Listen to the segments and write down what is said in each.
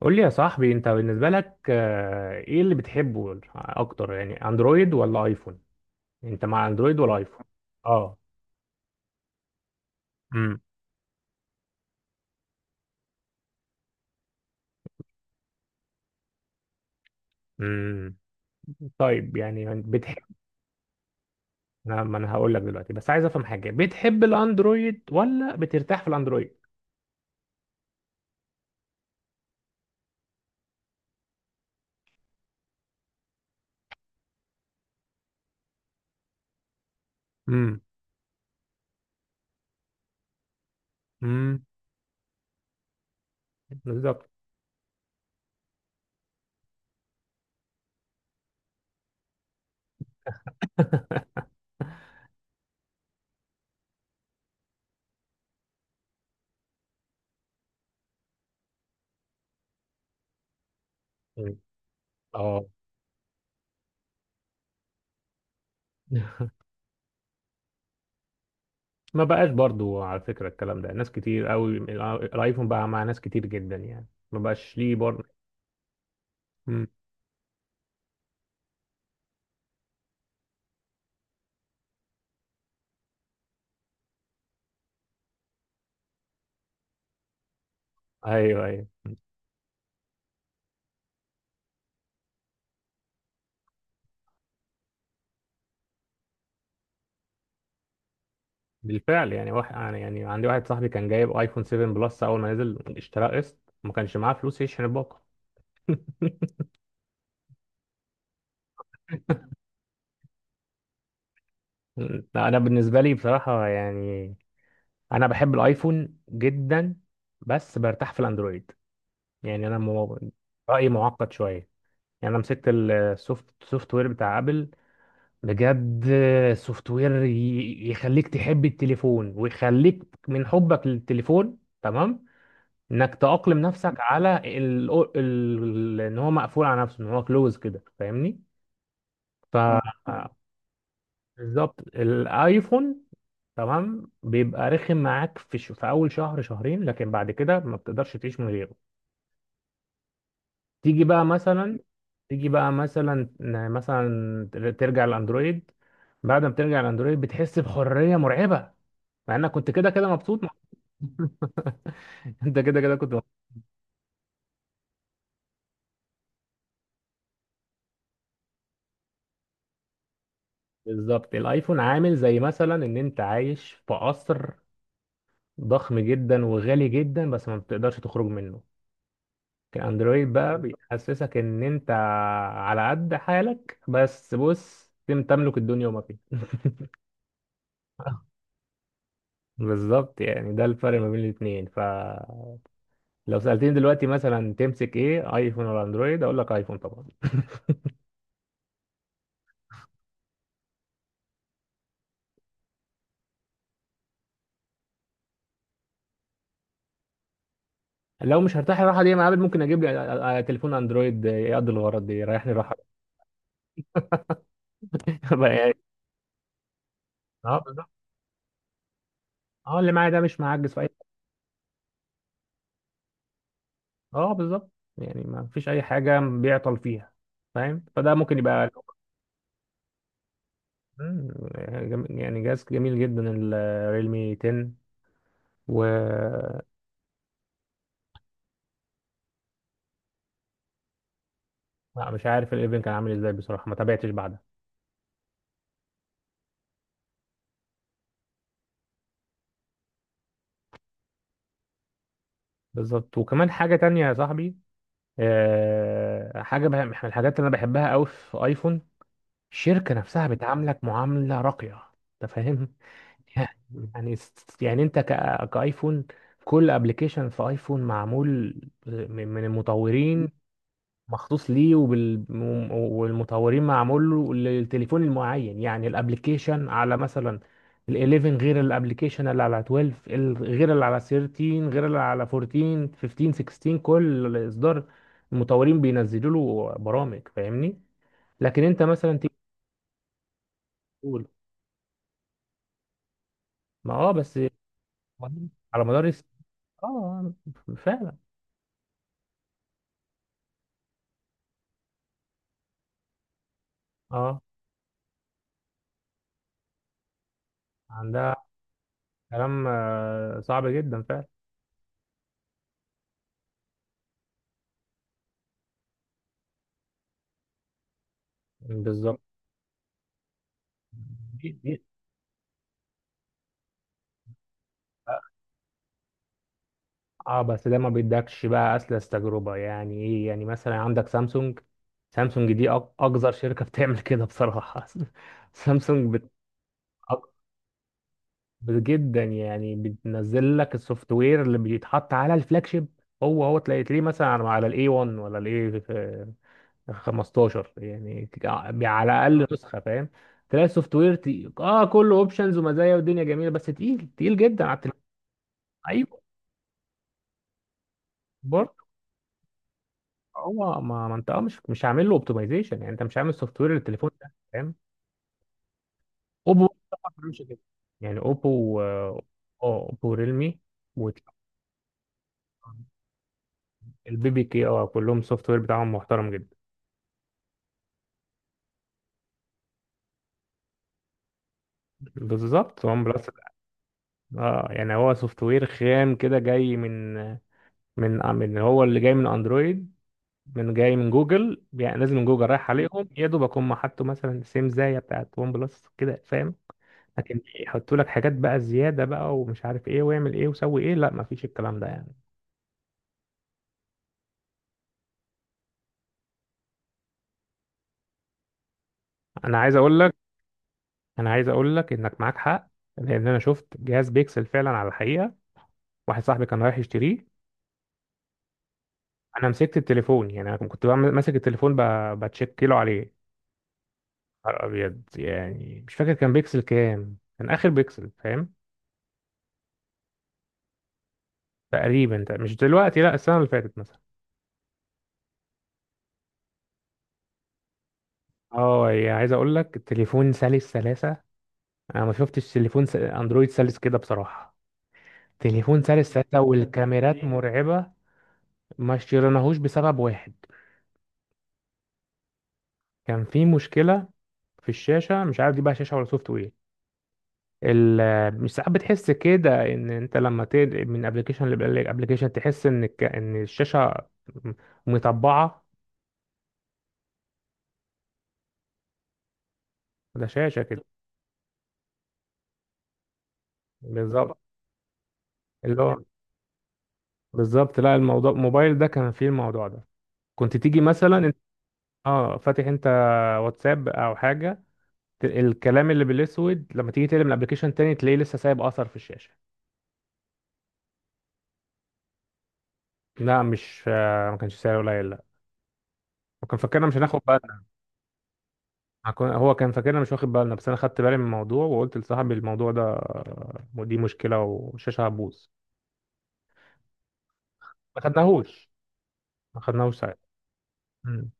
قول لي يا صاحبي، انت بالنسبة لك ايه اللي بتحبه اكتر؟ يعني اندرويد ولا ايفون؟ انت مع اندرويد ولا ايفون؟ اه. امم امم طيب، يعني بتحب، انا ما انا هقول لك دلوقتي بس عايز افهم حاجة، بتحب الاندرويد ولا بترتاح في الاندرويد؟ امم امم بالظبط. مم. اه. ما بقاش برضو على فكرة الكلام ده، ناس كتير قوي الايفون بقى مع ناس كتير جدا يعني. ما بقاش ليه برضو. مم. ايوه ايوه. بالفعل. يعني واحد، يعني يعني عندي واحد صاحبي كان جايب ايفون 7 بلس اول ما نزل، اشتراه قسط ما كانش معاه فلوس يشحن الباقه. لا، انا بالنسبه لي بصراحه يعني انا بحب الايفون جدا، بس برتاح في الاندرويد. يعني انا رايي معقد شويه. يعني انا مسكت السوفت وير بتاع ابل، بجد سوفت وير يخليك تحب التليفون، ويخليك من حبك للتليفون تمام، انك تأقلم نفسك على ان هو مقفول على نفسه، ان هو كلوز كده، فاهمني؟ ف مم. بالظبط الايفون تمام، بيبقى رخم معاك في في اول شهر شهرين، لكن بعد كده ما بتقدرش تعيش من غيره. تيجي بقى مثلا، تيجي بقى مثلا ترجع الاندرويد، بعد ما بترجع الاندرويد بتحس بحرية مرعبة، مع انك كنت كده كده مبسوط. انت كده كده كنت مبسوط. بالظبط، الايفون عامل زي مثلا ان انت عايش في قصر ضخم جدا وغالي جدا، بس ما بتقدرش تخرج منه. لكن اندرويد بقى بيحسسك ان انت على قد حالك، بس بص تملك الدنيا وما فيها. آه، بالظبط، يعني ده الفرق ما بين الاثنين. فلو سألتني دلوقتي مثلا تمسك ايه، ايفون ولا اندرويد؟ اقول لك ايفون طبعا. لو مش هرتاح الراحه دي مع عابد، ممكن اجيب لي تليفون اندرويد يقضي الغرض دي، يريحني الراحه، بقى يعني. اه بالظبط. اه اللي معايا ده مش معجز في اي. اه بالظبط، يعني ما فيش اي حاجه بيعطل فيها، فاهم؟ فده ممكن يبقى، يعني يعني جهاز جميل جدا، الريلمي 10. و لا، مش عارف ال11 كان عامل ازاي بصراحة، ما تابعتش بعدها. بالظبط، وكمان حاجة تانية يا صاحبي، حاجة من الحاجات اللي انا بحبها قوي في ايفون، الشركة نفسها بتعاملك معاملة راقية، انت فاهم؟ يعني، يعني انت كايفون، كل ابلكيشن في ايفون معمول من المطورين مخصوص ليه، والمطورين معمول له للتليفون المعين، يعني الابليكيشن على مثلا ال 11 غير الابليكيشن اللي على 12، غير اللي على 13، غير اللي على 14 15 16، كل اصدار المطورين بينزلوا له برامج، فاهمني؟ لكن انت مثلا تيجي تقول، ما اه بس، على اه فعلا. اه عندها، كلام صعب جدا فعلا. بالظبط. اه بس ده ما بيدكش بقى اسلس تجربة، يعني ايه؟ يعني مثلا عندك سامسونج، سامسونج دي اقذر شركة بتعمل كده بصراحة. سامسونج أق- جدا يعني، بتنزل لك السوفت وير اللي بيتحط على الفلاج شيب. هو تلاقيه مثلا على الاي 1 ولا الاي 15 يعني، على اقل نسخة، فاهم؟ تلاقي السوفت وير تقيل. اه كله اوبشنز ومزايا والدنيا جميلة، بس تقيل تقيل جدا على التليفون. ايوه. هو ما انت، اه مش عامل له اوبتمايزيشن، يعني انت مش عامل سوفت وير للتليفون ده، فاهم؟ اوبو، مش كده؟ يعني اوبو اه، اوبو ريلمي، والبي بي كي، اه كلهم سوفت وير بتاعهم محترم جدا. بالظبط، وان بلس. اه، يعني هو سوفت وير خام كده، جاي من هو اللي جاي من اندرويد، جاي من جوجل يعني، لازم من جوجل رايح عليهم يا دوب اكون محطه مثلا سيم زي بتاعت ون بلس كده، فاهم؟ لكن يحطوا لك حاجات بقى زياده بقى، ومش عارف ايه، واعمل ايه، وسوي ايه، لا مفيش الكلام ده يعني. انا عايز اقول لك، انا عايز اقول لك انك معاك حق، لان انا شفت جهاز بيكسل فعلا على الحقيقه، واحد صاحبي كان رايح يشتريه. انا مسكت التليفون، يعني انا كنت ماسك التليفون بتشيك كيلو عليه. نهار ابيض، يعني مش فاكر كان بيكسل كام، كان اخر بيكسل فاهم؟ تقريبا، مش دلوقتي لا، السنه اللي فاتت مثلا. اه، يعني عايز اقول لك التليفون سلس سلاسه، انا ما شفتش تليفون اندرويد سلس كده بصراحه، تليفون سارس ساعتها، والكاميرات مرعبة. ما اشتريناهوش بسبب واحد، كان في مشكلة في الشاشة، مش عارف دي بقى شاشة ولا سوفت وير. مش ساعات بتحس كده ان انت لما تنقل من ابلكيشن لابلكيشن، تحس ان ان الشاشة م- مطبعة. ده شاشة كده؟ بالظبط، اللي هو، بالظبط. لا الموضوع، الموبايل ده كان فيه الموضوع ده، كنت تيجي مثلا انت، اه فاتح انت واتساب او حاجة، الكلام اللي بالاسود لما تيجي تقلب الابلكيشن تاني تلاقيه لسه سايب اثر في الشاشه. لا مش، ما كانش سعره قليل لا، وكان فاكرنا مش هناخد بالنا. هو كان فاكرنا مش واخد بالنا، بس انا خدت بالي من الموضوع وقلت لصاحبي الموضوع ده، ودي مشكله والشاشه هتبوظ. ما خدناهوش، ما خدناهوش ساعتها. امم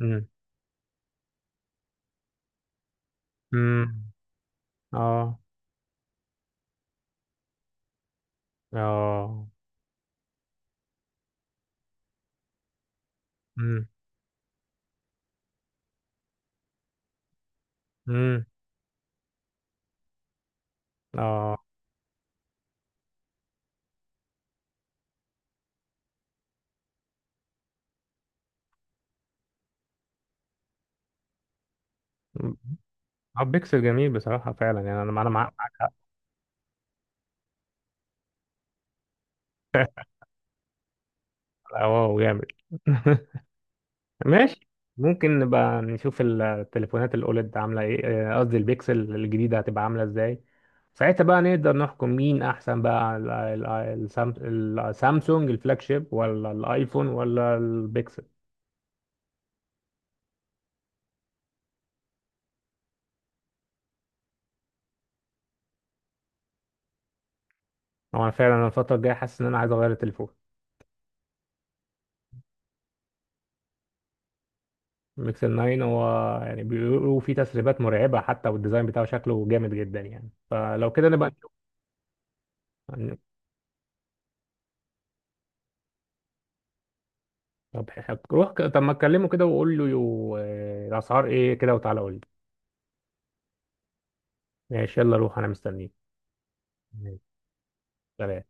امم امم اه. اه. امم امم اه. مم. بيكسل جميل بصراحه فعلا يعني، انا انا معاك معاك. اه جامد. ماشي، ممكن نبقى نشوف التليفونات الاولد عامله ايه، قصدي البيكسل الجديده هتبقى عامله ازاي، ساعتها بقى نقدر نحكم مين احسن بقى، السام- السامسونج الفلاج شيب، ولا الايفون، ولا البيكسل. هو انا فعلا أنا الفتره الجايه حاسس ان انا عايز اغير التليفون. البيكسل 9 هو، يعني بيقولوا فيه تسريبات مرعبه حتى، والديزاين بتاعه شكله جامد جدا يعني، فلو كده نبقى نشوف. طب طب ما تكلمه كده وقول له الاسعار ايه كده، وتعالى قول لي. ماشي، يلا روح انا مستنيك. ماشي. سلام.